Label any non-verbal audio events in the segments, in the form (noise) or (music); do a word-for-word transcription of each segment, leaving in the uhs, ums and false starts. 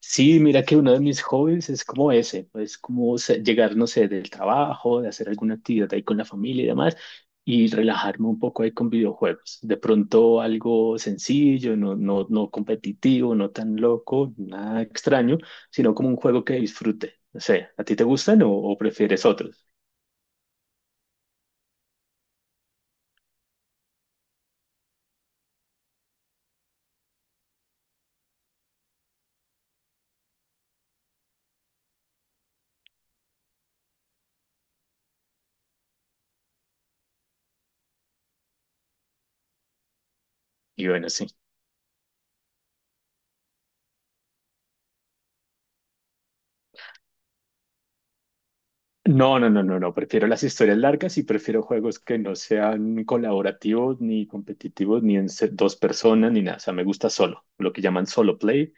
Sí, mira que uno de mis hobbies es como ese, es como se- llegar, no sé, del trabajo, de hacer alguna actividad ahí con la familia y demás, y relajarme un poco ahí con videojuegos. De pronto algo sencillo, no, no, no competitivo, no tan loco, nada extraño, sino como un juego que disfrute. No sé, ¿a ti te gustan o, o prefieres otros? Y bueno, sí. No, no, no, no, no. Prefiero las historias largas y prefiero juegos que no sean colaborativos, ni competitivos, ni en se- dos personas, ni nada. O sea, me gusta solo, lo que llaman solo play,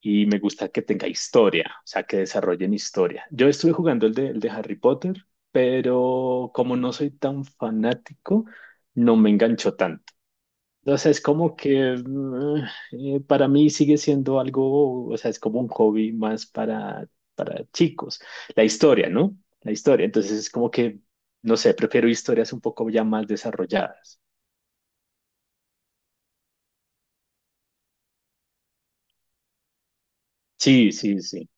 y me gusta que tenga historia, o sea, que desarrollen historia. Yo estuve jugando el de, el de Harry Potter, pero como no soy tan fanático, no me enganchó tanto. Entonces, como que mm, eh, para mí sigue siendo algo, o sea, es como un hobby más para, para chicos. La historia, ¿no? La historia. Entonces, es como que, no sé, prefiero historias un poco ya más desarrolladas. Sí, sí, sí.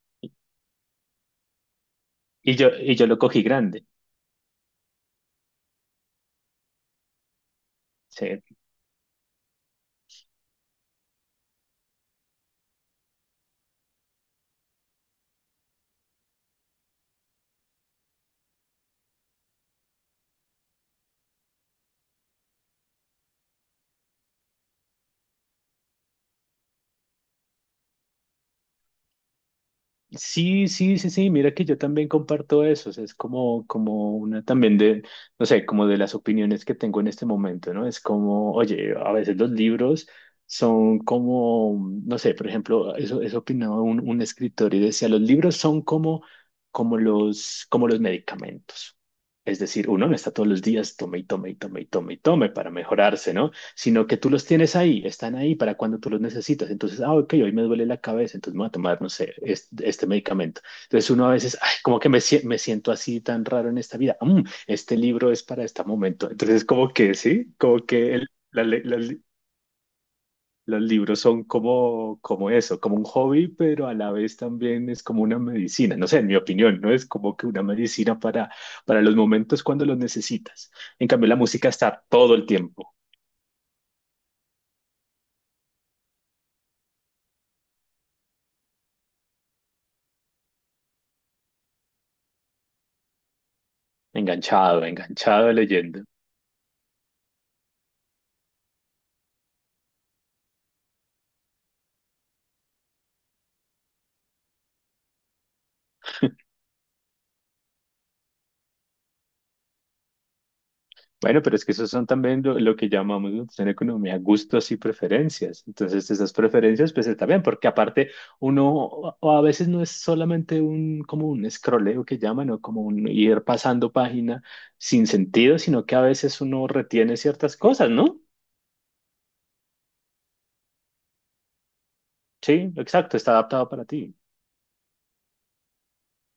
Y yo, y yo lo cogí grande. Sí. Sí, sí, sí, sí, mira que yo también comparto eso, o sea, es como, como una también de, no sé, como de las opiniones que tengo en este momento, ¿no? Es como, oye, a veces los libros son como, no sé, por ejemplo, eso, eso opinaba un, un escritor y decía, los libros son como, como los, como los medicamentos. Es decir, uno no está todos los días, tome y tome y tome y tome y tome para mejorarse, ¿no? Sino que tú los tienes ahí, están ahí para cuando tú los necesitas. Entonces, ah, ok, hoy me duele la cabeza, entonces me voy a tomar, no sé, este, este medicamento. Entonces uno a veces, ay, como que me, sie- me siento así tan raro en esta vida. Mm, este libro es para este momento. Entonces, como que, sí, como que el- la le- la li- los libros son como, como eso, como un hobby, pero a la vez también es como una medicina. No sé, en mi opinión, ¿no? Es como que una medicina para, para los momentos cuando los necesitas. En cambio, la música está todo el tiempo. Enganchado, enganchado leyendo. Bueno, pero es que esos son también lo, lo que llamamos nosotros en economía gustos y preferencias. Entonces, esas preferencias, pues está bien, porque aparte uno a a veces no es solamente un como un escroleo que llaman o como un ir pasando página sin sentido, sino que a veces uno retiene ciertas cosas, ¿no? Sí, exacto, está adaptado para ti.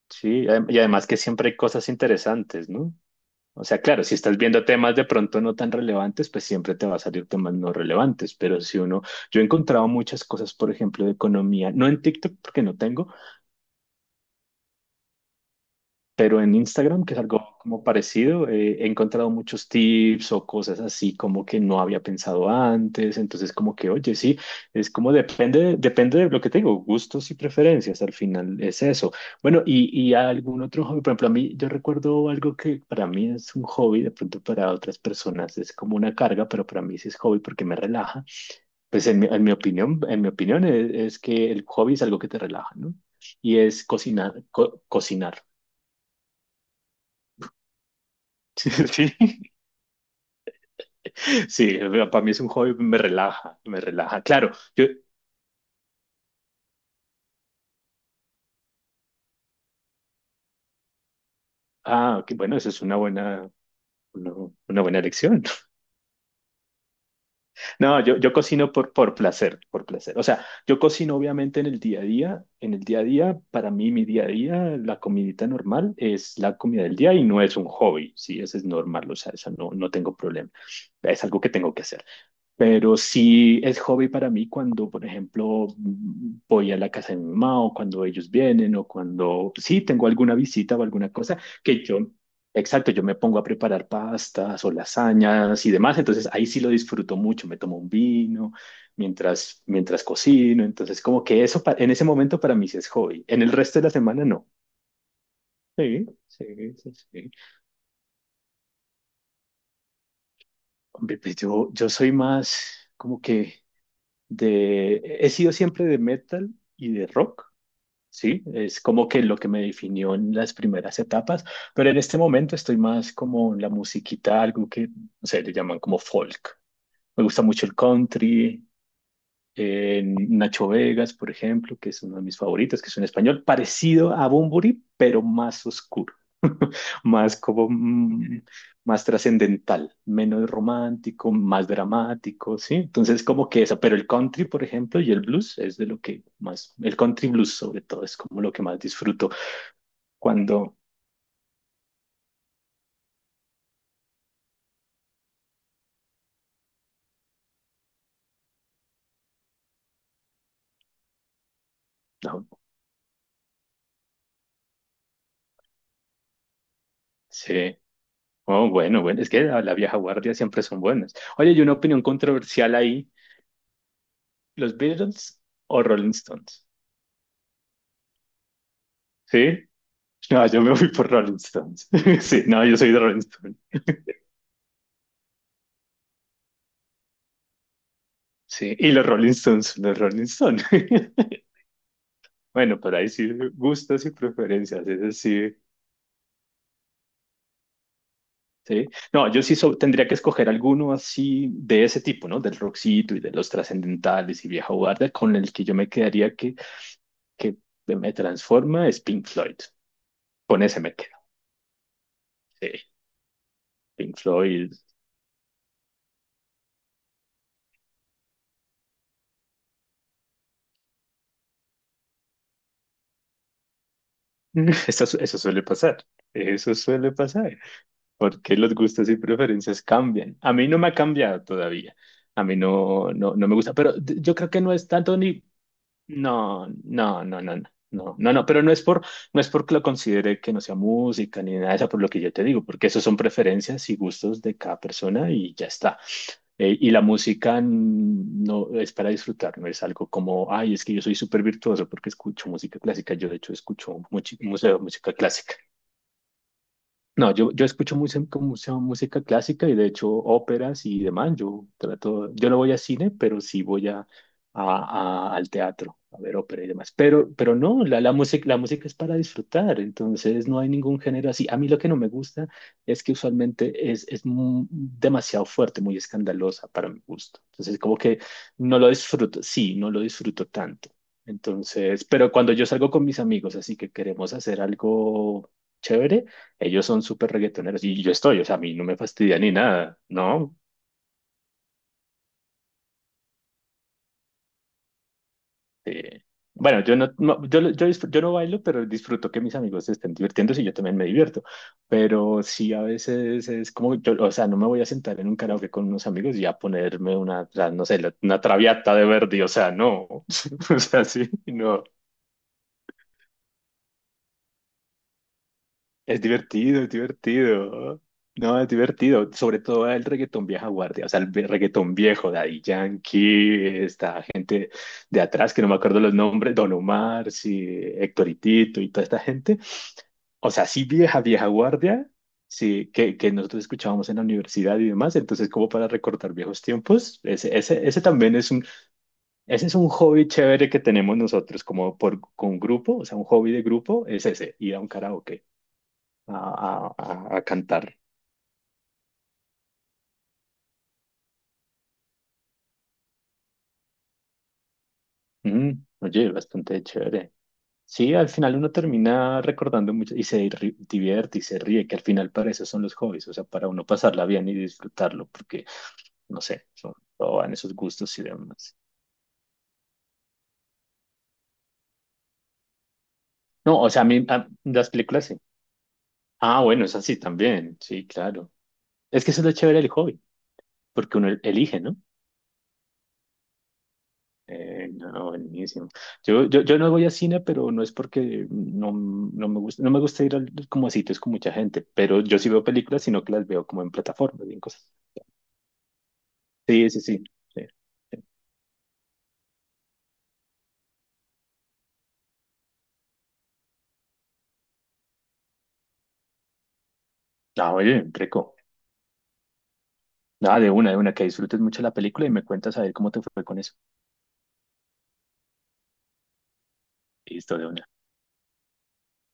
Sí, adem- y además que siempre hay cosas interesantes, ¿no? O sea, claro, si estás viendo temas de pronto no tan relevantes, pues siempre te va a salir temas no relevantes, pero si uno, yo he encontrado muchas cosas, por ejemplo, de economía, no en TikTok porque no tengo, pero en Instagram, que es algo como parecido, eh, he encontrado muchos tips o cosas así como que no había pensado antes. Entonces, como que, oye, sí, es como depende, depende de lo que tengo, gustos y preferencias. Al final es eso. Bueno, y, y algún otro hobby, por ejemplo, a mí, yo recuerdo algo que para mí es un hobby, de pronto para otras personas es como una carga, pero para mí sí es hobby porque me relaja. Pues en mi, en mi opinión, en mi opinión es, es que el hobby es algo que te relaja, ¿no? Y es cocinar, co- cocinar. (laughs) Sí. Sí, para mí es un hobby, me relaja, me relaja. Claro, yo, ah, ok, bueno, esa es una buena, una, una buena elección. (laughs) No, yo, yo cocino por, por placer, por placer. O sea, yo cocino obviamente en el día a día, en el día a día, para mí mi día a día, la comidita normal es la comida del día y no es un hobby, sí, eso es normal, o sea, eso no, no tengo problema. Es algo que tengo que hacer. Pero sí es hobby para mí cuando, por ejemplo, mm, voy a la casa de mi mamá o cuando ellos vienen o cuando sí tengo alguna visita o alguna cosa que yo, exacto, yo me pongo a preparar pastas o lasañas y demás. Entonces ahí sí lo disfruto mucho. Me tomo un vino mientras, mientras cocino. Entonces como que eso pa- en ese momento para mí sí es hobby. En el resto de la semana no. Sí, sí, sí, sí. Hombre, pues yo, yo soy más como que... de, he sido siempre de metal y de rock, ¿sí? Es como que lo que me definió en las primeras etapas, pero en este momento estoy más como en la musiquita, algo que, no sé, le llaman como folk. Me gusta mucho el country, eh, Nacho Vegas, por ejemplo, que es uno de mis favoritos, que es un español parecido a Bunbury, pero más oscuro, más como mm, más trascendental, menos romántico, más dramático, ¿sí? Entonces como que eso, pero el country, por ejemplo, y el blues es de lo que más, el country blues sobre todo es como lo que más disfruto cuando, no, sí, oh, bueno, bueno, es que la, la vieja guardia siempre son buenas. Oye, hay una opinión controversial ahí, ¿los Beatles o Rolling Stones? ¿Sí? No, yo me fui por Rolling Stones. (laughs) Sí, no, yo soy de Rolling Stones. Sí, y los Rolling Stones, los Rolling Stones. (laughs) Bueno, pero ahí sí, gustos y preferencias, eso sí, sí. No, yo sí so- tendría que escoger alguno así de ese tipo, ¿no? Del rockcito y de los trascendentales y vieja guardia, con el que yo me quedaría que, que me transforma es Pink Floyd. Con ese me quedo. Sí, Pink Floyd. (laughs) Eso, su- eso suele pasar. Eso suele pasar. Porque los gustos y preferencias cambian. A mí no me ha cambiado todavía. A mí no, no, no me gusta, pero d- yo creo que no es tanto ni. No, no, no, no, no, no, no, no, pero no es por, no es porque lo considere que no sea música ni nada de eso, por lo que yo te digo, porque eso son preferencias y gustos de cada persona y ya está. Eh, y la música mm, no es para disfrutar, no es algo como, ay, es que yo soy súper virtuoso porque escucho música clásica. Yo, de hecho, escucho muchi- mucha música clásica. No, yo, yo escucho mucha, mucha música clásica y de hecho óperas y demás. Yo trato, yo no voy a cine, pero sí voy a, a- a- al teatro a ver ópera y demás. Pero, pero no, la, la música, la música es para disfrutar, entonces no hay ningún género así. A mí lo que no me gusta es que usualmente es, es mu- demasiado fuerte, muy escandalosa para mi gusto. Entonces como que no lo disfruto, sí, no lo disfruto tanto. Entonces, pero cuando yo salgo con mis amigos, así que queremos hacer algo chévere. Ellos son súper reggaetoneros y yo estoy, o sea, a mí no me fastidia ni nada, ¿no? Eh, bueno, yo no, no- yo, yo, disfr- yo no bailo, pero disfruto que mis amigos se estén divirtiendo y yo también me divierto. Pero sí, a veces es como, yo, o sea, no me voy a sentar en un karaoke con unos amigos y a ponerme una, o sea, no sé, la- una traviata de Verdi, o sea, no. (laughs) O sea, sí, no. Es divertido, es divertido. No, es divertido. Sobre todo el reggaetón vieja guardia. O sea, el ve- reggaetón viejo, Daddy Yankee, esta gente de atrás que no me acuerdo los nombres, Don Omar, sí, Hectoritito y toda esta gente. O sea, sí vieja, vieja guardia, sí, que, que nosotros escuchábamos en la universidad y demás. Entonces, como para recordar viejos tiempos, ese, ese, ese también es un, ese es un hobby chévere que tenemos nosotros como por, con grupo, o sea, un hobby de grupo es ese, ir a un karaoke a, a- a cantar. Mm, oye, bastante chévere. Sí, al final uno termina recordando mucho y se ri- divierte y se ríe, que al final para eso son los hobbies, o sea, para uno pasarla bien y disfrutarlo, porque, no sé, son, todo van esos gustos y demás. No, o sea, a mí, a- las películas sí. Ah, bueno, es así también, sí, claro. Es que eso es lo chévere del hobby, porque uno elige, ¿no? Eh, no, buenísimo. Yo, yo, yo no voy a cine, pero no es porque no, no me gusta, no me gusta ir al- como a sitios con mucha gente, pero yo sí veo películas, sino que las veo como en plataformas y en cosas. Sí, sí, sí. Sí, sí. Ah, oye, rico. Nada, de una, de una, que disfrutes mucho la película y me cuentas a ver cómo te fue con eso. Listo, de una.